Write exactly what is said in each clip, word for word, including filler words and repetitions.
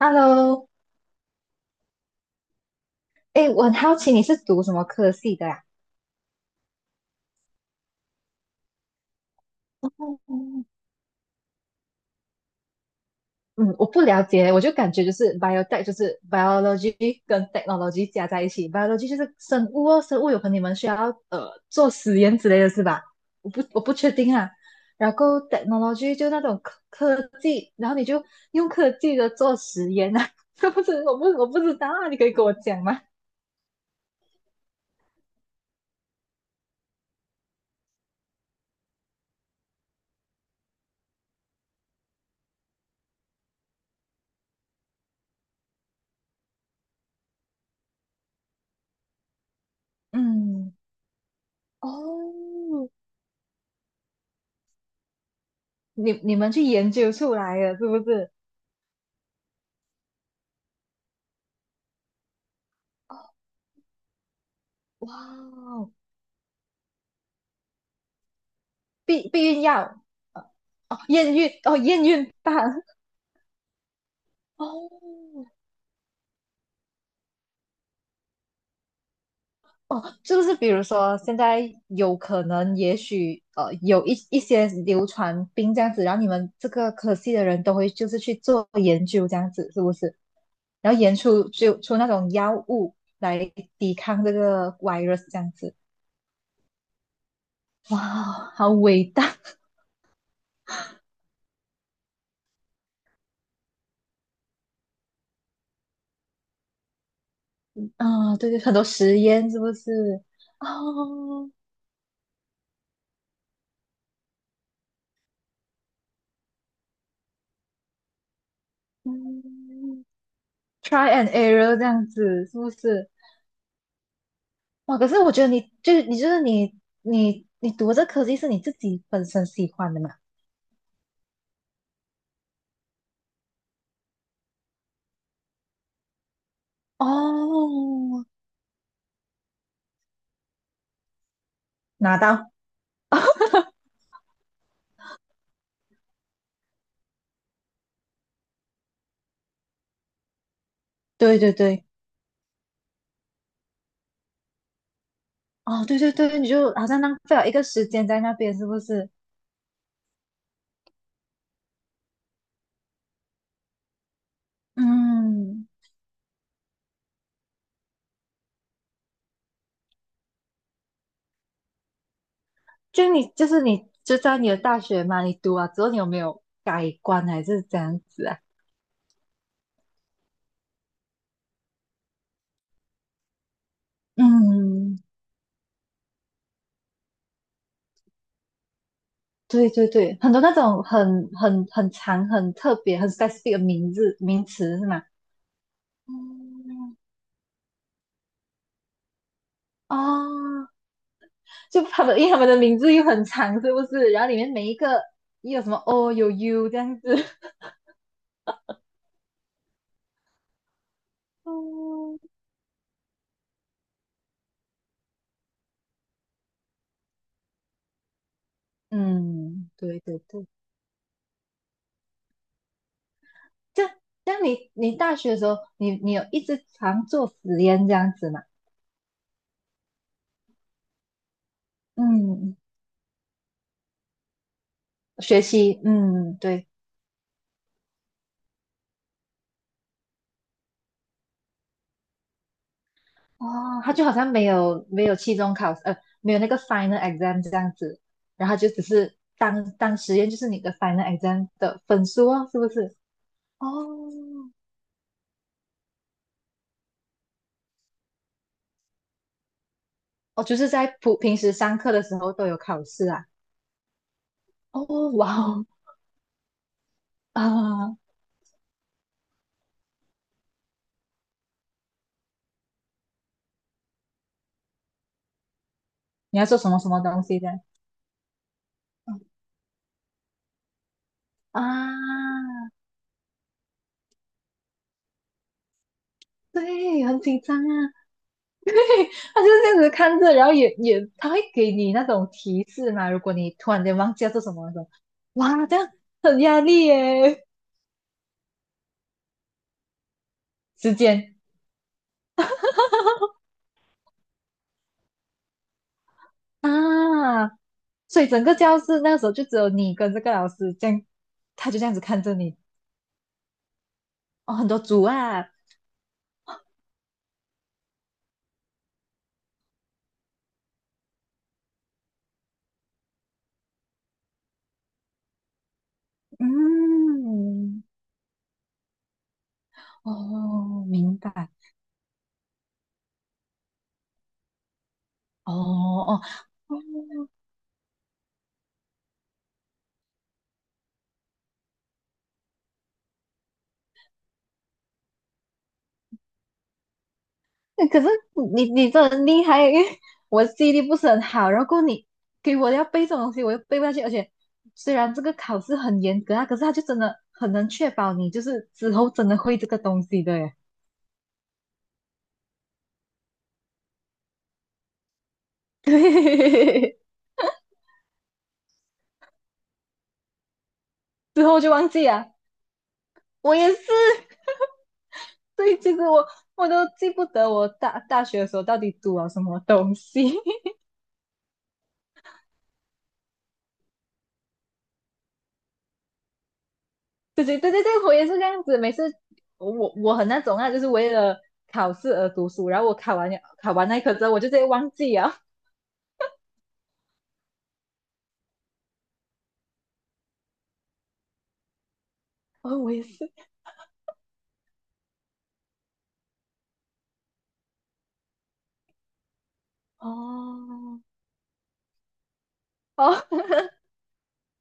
Hello，哎，我很好奇你是读什么科系的呀？嗯，嗯我不了解，我就感觉就是 biotech 就是 biology 跟 technology 加在一起，biology 就是生物哦，生物有可能你们需要呃做实验之类的是吧？我不我不确定啊。然后 technology 就那种科科技，然后你就用科技的做实验啊，是不是？我不我不知道啊，你可以跟我讲吗？嗯，哦，你你们去研究出来了是不是？哦，哇哦，避避孕药，呃哦，验孕哦，验孕棒哦，是不是？比如说现在有可能，也许呃有一一些流传病这样子，然后你们这个科系的人都会就是去做研究这样子，是不是？然后研出就出那种药物来抵抗这个 virus 这样子，哇，好伟大 啊、对对，很多实验是不是？哦，嗯，try and error 这样子是不是？哇，可是我觉得你就是你就是你你你读这科技是你自己本身喜欢的嘛？哦，拿到，对对对，哦对对对，你就好像浪费了一个时间在那边，是不是？嗯，就你就是你就在你的大学嘛，你读啊之后你有没有改观还是这样子啊？嗯，对对对，很多那种很很很长、很特别、很 specific 的名字名词是吗？嗯哦，就他们，因为他们的名字又很长，是不是？然后里面每一个又有什么 O 有 U 这样子。嗯，嗯，对对对，这这样你你大学的时候，你你有一直常做实验这样子吗？嗯，学习，嗯，对，哦，他就好像没有没有期中考试，呃，没有那个 final exam 这样子，然后他就只是当当实验，就是你的 final exam 的分数哦，是不是？哦，哦，就是在普平时上课的时候都有考试啊。哦，哇哦啊，你要做什么什么东西的？嗯啊，对，很紧张啊。他就是这样子看着，然后也也他会给你那种提示嘛。如果你突然间忘记要做什么的时候，哇，这样很压力耶。时间啊，所以整个教室那时候就只有你跟这个老师这样，他就这样子看着你。哦，很多组啊，嗯，哦，明白。哦哦，嗯可是你你真的很厉害，因为我记忆力不是很好，然后过后你给我要背这种东西，我又背不下去，而且虽然这个考试很严格啊，可是他就真的很能确保你就是之后真的会这个东西的耶。对，之后就忘记啊，我也是，对，以其实我我都记不得我大大学的时候到底读了什么东西。对对对对对，我也是这样子。每次我我很那种啊，就是为了考试而读书，然后我考完了考完那一科之后，我就直接忘记啊。哦，我也是。哦哦，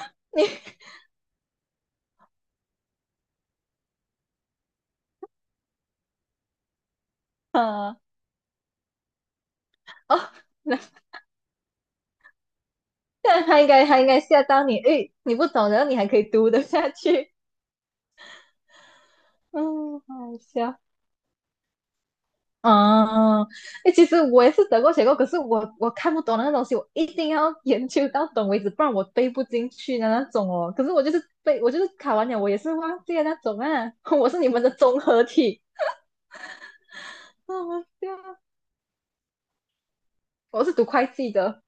你啊哦，那但他应该他应该吓到你，诶，你不懂，然后你还可以读得下去，嗯，好笑。哦，哎，其实我也是得过且过，可是我我看不懂的那个东西，我一定要 研究到懂为止，不然我背不进去的那种哦。可是我就是背，我就是考完了，我也是忘记了那种啊。我是你们的综合体，对啊，我是读会计的。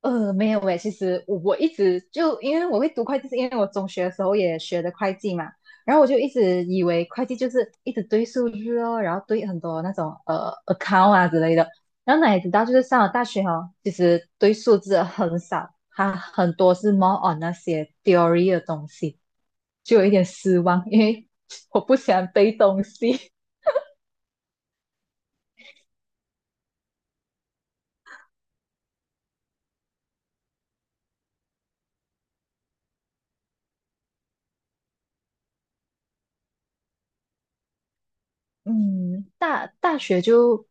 呃，没有诶，其实我我一直就因为我会读会计，是因为我中学的时候也学的会计嘛，然后我就一直以为会计就是一直对数字哦，然后对很多那种呃 account 啊之类的，然后哪里知道就是上了大学哦，其实对数字很少，它很多是 more on 那些 theory 的东西，就有一点失望，因为 我不喜欢背东西。嗯，大大学就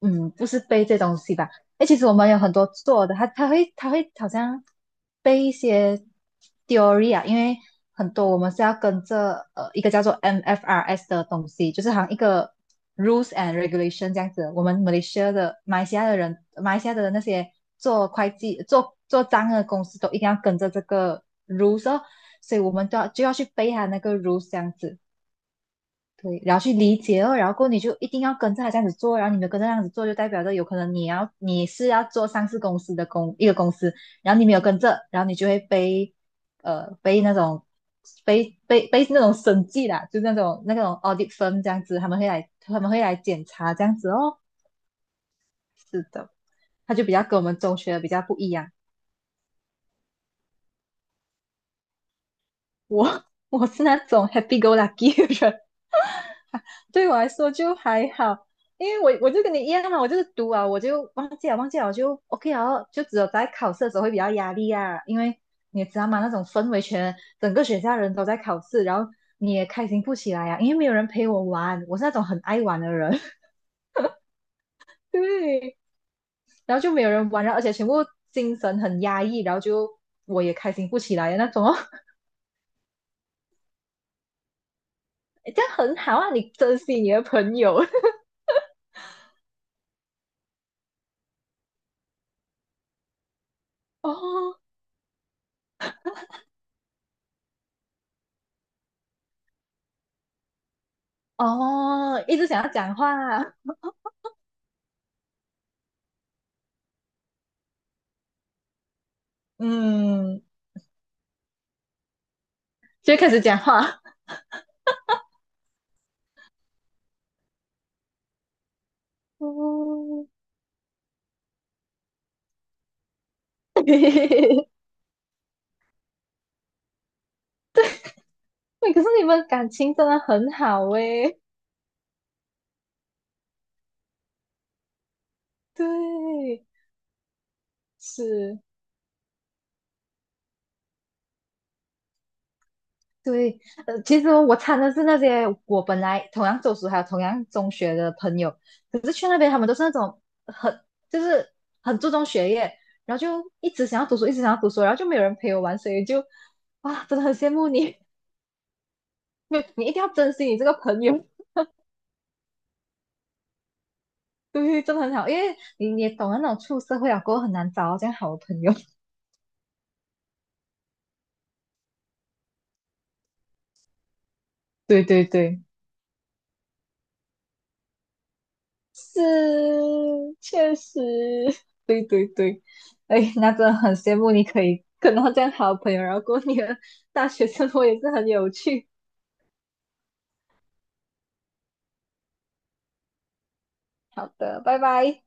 嗯，不是背这东西吧？哎，其实我们有很多做的，他他会他会好像背一些 theory 啊，因为很多我们是要跟着呃一个叫做 M F R S 的东西，就是好像一个 rules and regulation 这样子。我们 Malaysia 的马来西亚的人，马来西亚的那些做会计、做做账的公司都一定要跟着这个 rules 哦，所以我们都要就要去背它那个 rules 这样子。对，然后去理解哦，然后过后你就一定要跟着他这样子做，然后你没有跟着这样子做，就代表着有可能你要你是要做上市公司的公一个公司，然后你没有跟着，然后你就会被呃被那种被被被那种审计啦，就那种那种 audit firm 这样子，他们会来他们会来检查这样子哦。是的，他就比较跟我们中学的比较不一样，我 我是那种 happy go lucky 的人。对我来说就还好，因为我我就跟你一样嘛，我就是读啊，我就忘记了忘记了我就 OK 啊，就只有在考试的时候会比较压力啊，因为你也知道吗？那种氛围全整个学校人都在考试，然后你也开心不起来啊，因为没有人陪我玩，我是那种很爱玩的人，对，然后就没有人玩，然后而且全部精神很压抑，然后就我也开心不起来的那种哦，这样很好啊，你珍惜你的朋友 哦哦，一直想要讲话啊，嗯。就开始讲话。哦，对，可是你们感情真的很好诶。对，是，对，呃，其实我参的是那些我本来同样州属还有同样中学的朋友，可是去那边他们都是那种很就是很注重学业，然后就一直想要读书，一直想要读书，然后就没有人陪我玩，所以就哇，真的很羡慕你，没有你一定要珍惜你这个朋友，对，真的很好，因为你你也懂得那种出社会啊，过后很难找到这样好的朋友。对对对，是，确实，对对对，哎，那真的很羡慕你可以跟到这样好的朋友，然后过你的大学生活也是很有趣。好的，拜拜。